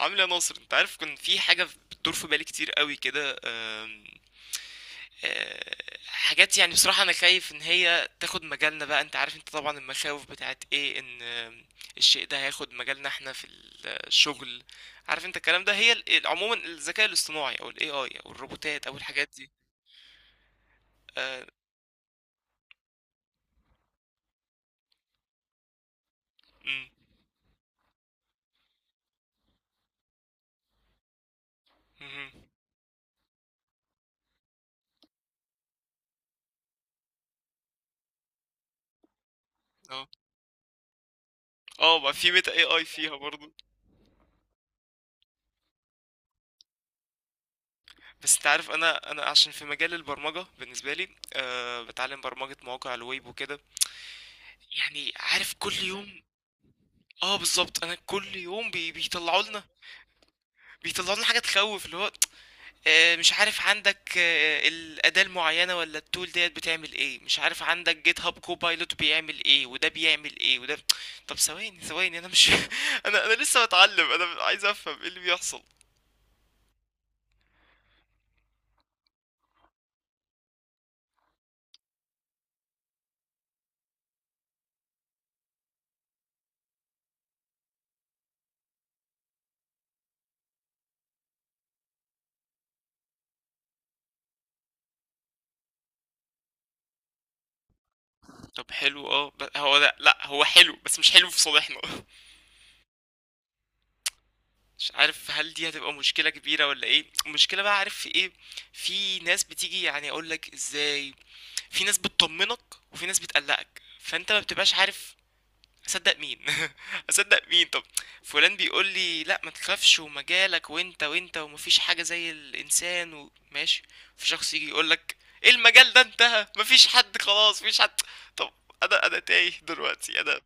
عامل يا ناصر؟ انت عارف كان في حاجة بتدور في بالي كتير قوي كده، آم، آه، حاجات يعني بصراحة انا خايف ان هي تاخد مجالنا بقى. انت عارف انت طبعا المخاوف بتاعت ايه، ان الشيء ده هياخد مجالنا احنا في الشغل. عارف انت الكلام ده، هي عموما الذكاء الاصطناعي او الاي اي او الروبوتات او الحاجات دي. اه. مم، مهم، اه. آه، ما في ميتا اي اي فيها برضو. بس انت عارف، انا عشان في مجال البرمجة بالنسبة لي أه بتعلم برمجة مواقع الويب وكده. يعني عارف كل يوم. اه بالظبط، انا كل يوم بيطلعوا لنا، بيطلعوا لنا حاجه تخوف. اللي هو آه، مش عارف عندك الاداه المعينه ولا التول ديت بتعمل ايه، مش عارف عندك جيت هاب كوبايلوت بيعمل ايه وده بيعمل ايه وده. طب ثواني ثواني انا مش انا لسه بتعلم، انا عايز افهم ايه اللي بيحصل. طب حلو اه، هو لا لا، هو حلو بس مش حلو في صالحنا. مش عارف هل دي هتبقى مشكله كبيره ولا ايه المشكله؟ بقى عارف في ايه، في ناس بتيجي يعني اقول لك ازاي، في ناس بتطمنك وفي ناس بتقلقك، فانت ما بتبقاش عارف اصدق مين. اصدق مين؟ طب فلان بيقول لي لا ما تخافش، ومجالك وانت وانت، ومفيش حاجه زي الانسان، وماشي. في شخص يجي يقول لك ايه المجال ده انتهى، مفيش حد، خلاص مفيش حد. طب انا تايه دلوقتي انا.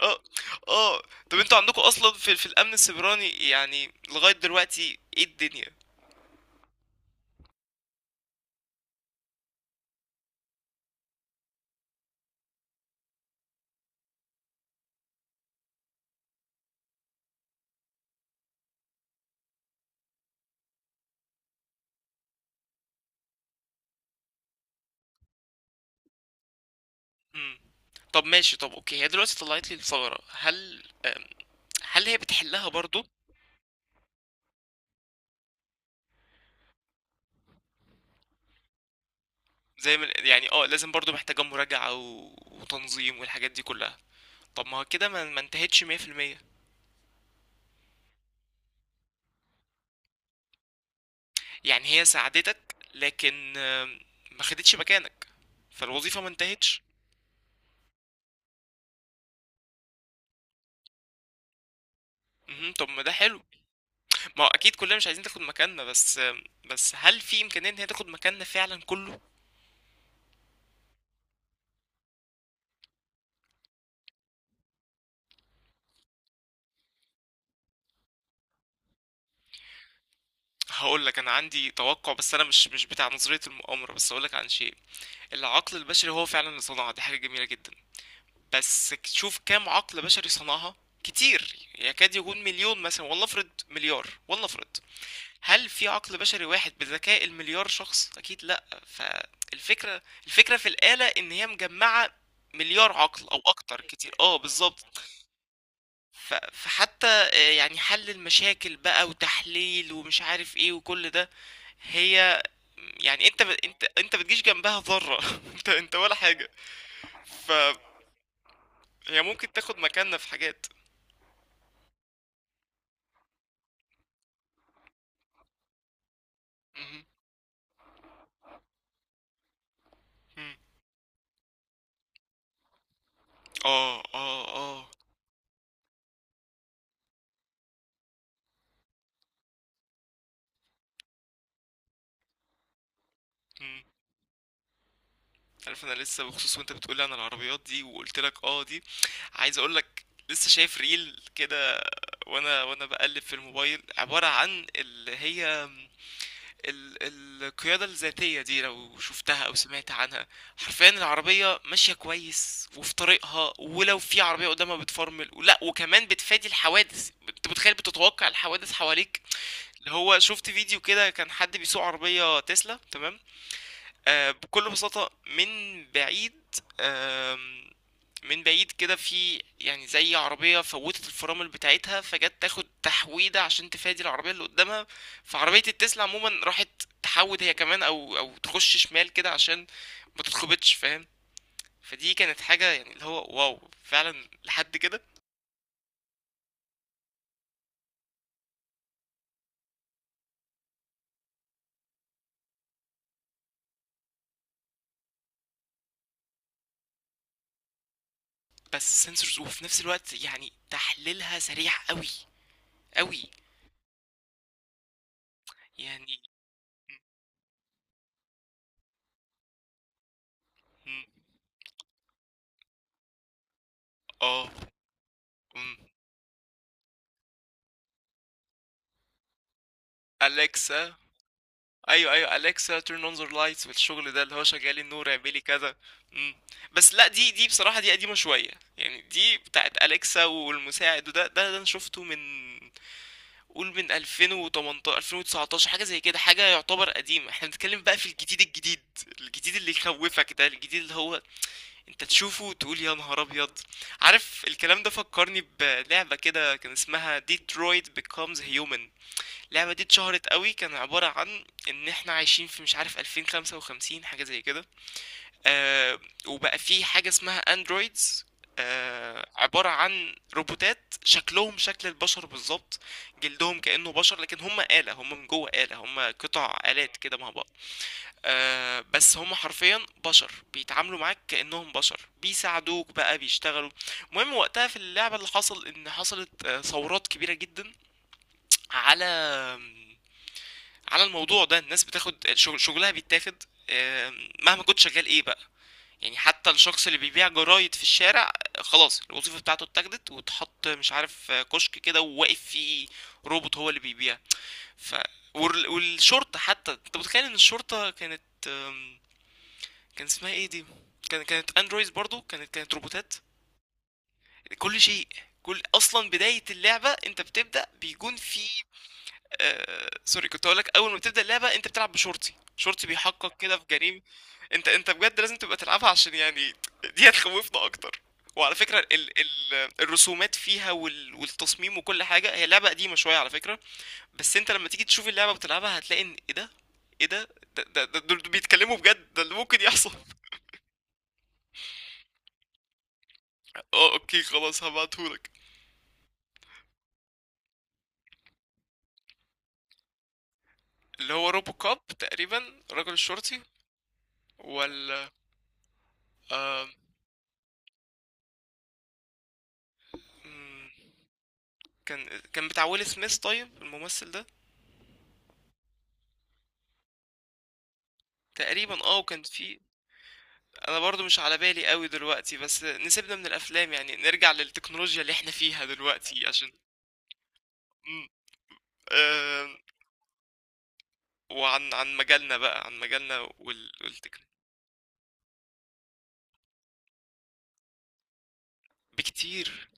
اه اه. طب انتوا عندكم اصلا في الامن السيبراني يعني، لغايه دلوقتي ايه الدنيا؟ مم. طب ماشي، طب اوكي، هي دلوقتي طلعت لي الثغرة، هل هل هي بتحلها برضه؟ زي ما يعني اه، لازم برضه محتاجة مراجعة وتنظيم والحاجات دي كلها. طب ما هو كده ما انتهتش 100%. يعني هي ساعدتك لكن ما خدتش مكانك، فالوظيفة ما انتهتش. مهم، طب ما ده حلو. ما هو اكيد كلنا مش عايزين تاخد مكاننا، بس بس هل في امكانية ان هي تاخد مكاننا فعلا كله؟ هقول لك انا عندي توقع، بس انا مش بتاع نظرية المؤامرة، بس هقول لك عن شيء. العقل البشري هو فعلا اللي صنعها، دي حاجة جميلة جدا، بس شوف كام عقل بشري صنعها. كتير، يكاد يكون مليون مثلا، والله افرض مليار، والله افرض. هل في عقل بشري واحد بذكاء المليار شخص؟ اكيد لا. فالفكره في الآلة ان هي مجمعه مليار عقل او اكتر كتير، اه بالظبط. ف- فحتى يعني حل المشاكل بقى وتحليل ومش عارف ايه وكل ده، هي يعني انت بتجيش جنبها ذرة، انت ولا حاجة. فهي ممكن تاخد مكاننا في حاجات. امم. آه، آه، آه. امم. عارف أنا لسه بخصوص، وأنت بتقولي عن العربيات دي وقُلت لك آه دي، عايز أقول لك لسه شايف ريل كده، وأنا وأنا باقلِّب في الموبايل، عبارة عن اللي هي ال القيادة الذاتية دي، لو شُفتها أو سمعت عنها. حرفيًا العربية ماشية كويس وفي طريقها، ولو في عربية قدامها بتفرمل ولأ، وكمان بتفادي الحوادث. أنت متخيل بتتوقع الحوادث حواليك؟ اللي هو شُفت فيديو كده كان حد بيسوق عربية تسلا، تمام؟ آه، بكل بساطة من بعيد، آم، من بعيد كده في يعني زي عربية فوتت الفرامل بتاعتها، فجت تاخد تحويدة عشان تفادي العربية اللي قدامها، فعربية التسلا عموما راحت تحود هي كمان، أو تخش شمال كده عشان ما تتخبطش، فاهم؟ فدي كانت حاجة يعني اللي هو واو فعلا لحد كده. بس سنسورز، وفي نفس الوقت يعني تحليلها سريع قوي قوي. يعني م- م- اه، أليكسا. ايوه ايوه، اليكسا تيرن اون ذا لايتس، والشغل ده اللي هو شغالي النور، اعملي كذا. مم. بس لا، دي دي بصراحه دي قديمه شويه، يعني دي بتاعت اليكسا والمساعد، ده انا شفته من قول من 2018 2019 حاجه زي كده، حاجه يعتبر قديمه. احنا بنتكلم بقى في الجديد الجديد، الجديد اللي يخوفك ده، الجديد اللي هو انت تشوفه تقول يا نهار ابيض. عارف الكلام ده فكرني بلعبه كده كان اسمها ديترويت بيكومز هيومن. اللعبة دي اتشهرت قوي، كان عبارة عن ان احنا عايشين في مش عارف 2055 حاجة زي كده. آه، وبقى في حاجة اسمها اندرويدز، آه عبارة عن روبوتات شكلهم شكل البشر بالظبط، جلدهم كأنه بشر، لكن هم آلة، هم من جوه آلة، هم قطع آلات كده مع بعض. آه بس هم حرفيا بشر، بيتعاملوا معاك كأنهم بشر، بيساعدوك بقى، بيشتغلوا. المهم وقتها في اللعبة اللي حصل ان حصلت ثورات كبيرة جدا على على الموضوع ده، الناس بتاخد شغل، شغلها بيتاخد، مهما كنت شغال ايه بقى. يعني حتى الشخص اللي بيبيع جرايد في الشارع، خلاص الوظيفة بتاعته اتاخدت واتحط مش عارف كشك كده وواقف فيه روبوت هو اللي بيبيع. ف والشرطة حتى، انت متخيل ان الشرطة كانت آم، كان اسمها ايه دي، كان كانت اندرويد برضو، كانت روبوتات. كل شيء، كل اصلا بداية اللعبة انت بتبدأ بيكون في سوري كنت هقول لك، اول ما بتبدا اللعبه انت بتلعب بشرطي، شرطي بيحقق كده في جريمه. انت انت بجد لازم تبقى تلعبها عشان يعني دي هتخوفنا اكتر. وعلى فكره ال الرسومات فيها والتصميم وكل حاجه، هي لعبه قديمه شويه على فكره، بس انت لما تيجي تشوف اللعبه بتلعبها هتلاقي ان ايه ده، ايه ده، دول بيتكلموا بجد، ده اللي ممكن يحصل. اه اوكي خلاص هبعتهولك. اللي هو روبو كاب تقريبا، الراجل الشرطي. ولا. آه، كان كان بتاع ويل سميث طيب الممثل ده، تقريبا اه وكان في. انا برضو مش على بالي قوي دلوقتي، بس نسيبنا من الافلام يعني، نرجع للتكنولوجيا اللي احنا فيها دلوقتي عشان. مم. آم. وعن عن مجالنا بقى، عن مجالنا والتكنولوجيا. بكتير.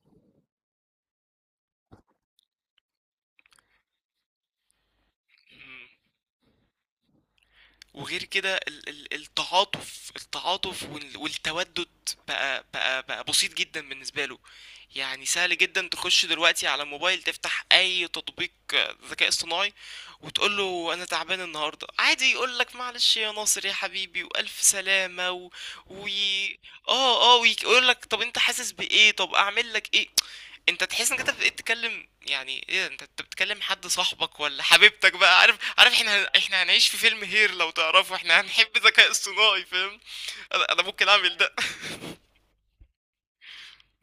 مم. وغير كده التعاطف، التعاطف والتودد بقى بقى بقى بسيط جدا بالنسبة له. يعني سهل جدا تخش دلوقتي على الموبايل تفتح اي تطبيق ذكاء اصطناعي وتقول له انا تعبان النهارده عادي، يقول لك معلش يا ناصر يا حبيبي، والف سلامة وي... اه اه، ويقول لك طب انت حاسس بايه، طب اعمل لك ايه. انت تحس انك انت بقيت تتكلم يعني، ايه انت انت بتتكلم حد صاحبك ولا حبيبتك بقى؟ عارف عارف احنا، احنا هنعيش في فيلم هير لو تعرفه، احنا هنحب الذكاء الصناعي، فاهم؟ انا ممكن اعمل ده.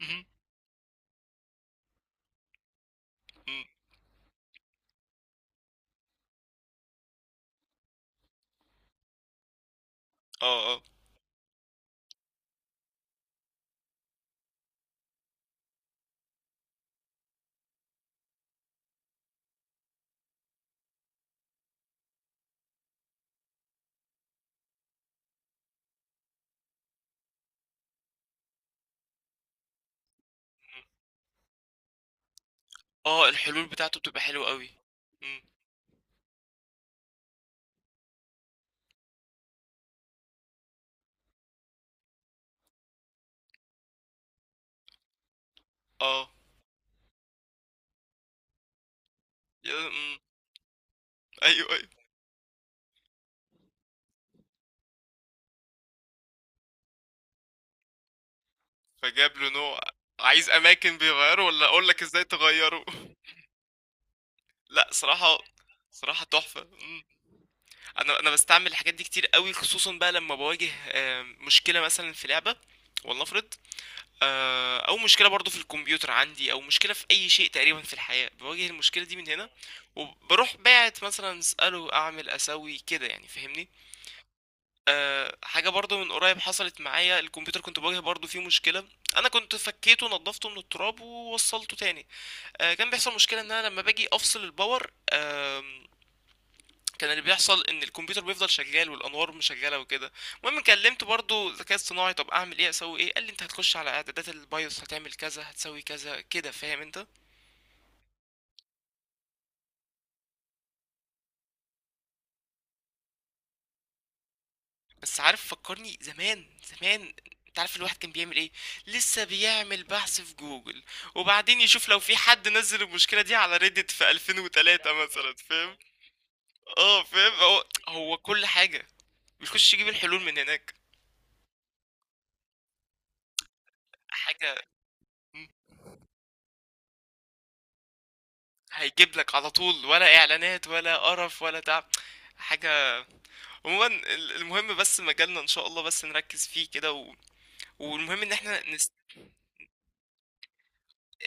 مم. مم. اه اه اه الحلول بتاعته بتبقى حلوة قوي. مم. اه. يا- مم. ايوه ايوه. فجاب له نوع. عايز اماكن بيغيره ولا اقول لك ازاي تغيره؟ لا صراحة، صراحة تحفة. انا بستعمل الحاجات دي كتير قوي، خصوصا بقى لما بواجه مشكله مثلا في لعبه ولنفرض او مشكله برضو في الكمبيوتر عندي، او مشكله في اي شيء تقريبا في الحياه، بواجه المشكله دي من هنا وبروح باعت مثلا اساله اعمل اسوي كده، يعني فاهمني. أه حاجه برضو من قريب حصلت معايا، الكمبيوتر كنت بواجه برضو فيه مشكله. انا كنت فكيته نضفته من التراب ووصلته تاني، أه كان بيحصل مشكله ان انا لما باجي افصل الباور أه، كان اللي بيحصل ان الكمبيوتر بيفضل شغال والانوار مش شغاله وكده. المهم كلمت برضو الذكاء الصناعي طب اعمل ايه، اسوي ايه، قال لي انت هتخش على اعدادات البايوس، هتعمل كذا، هتسوي كذا كده، فاهم انت. بس عارف فكرني زمان زمان، انت عارف الواحد كان بيعمل ايه، لسه بيعمل بحث في جوجل، وبعدين يشوف لو في حد نزل المشكله دي على ريدت في 2003 مثلا، فاهم. اه فاهم، هو هو كل حاجه، بيخش يجيب الحلول من هناك حاجه. هيجيب لك على طول، ولا اعلانات ولا قرف ولا تعب حاجة. عموما المهم بس مجالنا ان شاء الله بس نركز فيه كده والمهم ان احنا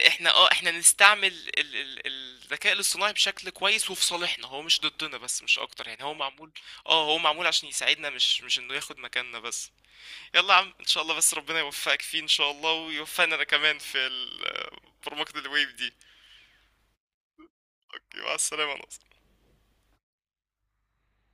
احنا اه احنا نستعمل الذكاء الاصطناعي بشكل كويس وفي صالحنا، هو مش ضدنا، بس مش اكتر يعني، هو معمول، اه هو معمول عشان يساعدنا، مش انه ياخد مكاننا بس. يلا يا عم ان شاء الله، بس ربنا يوفقك فيه ان شاء الله، ويوفقنا انا كمان في برمجة الويب دي. مع السلامة ناصر.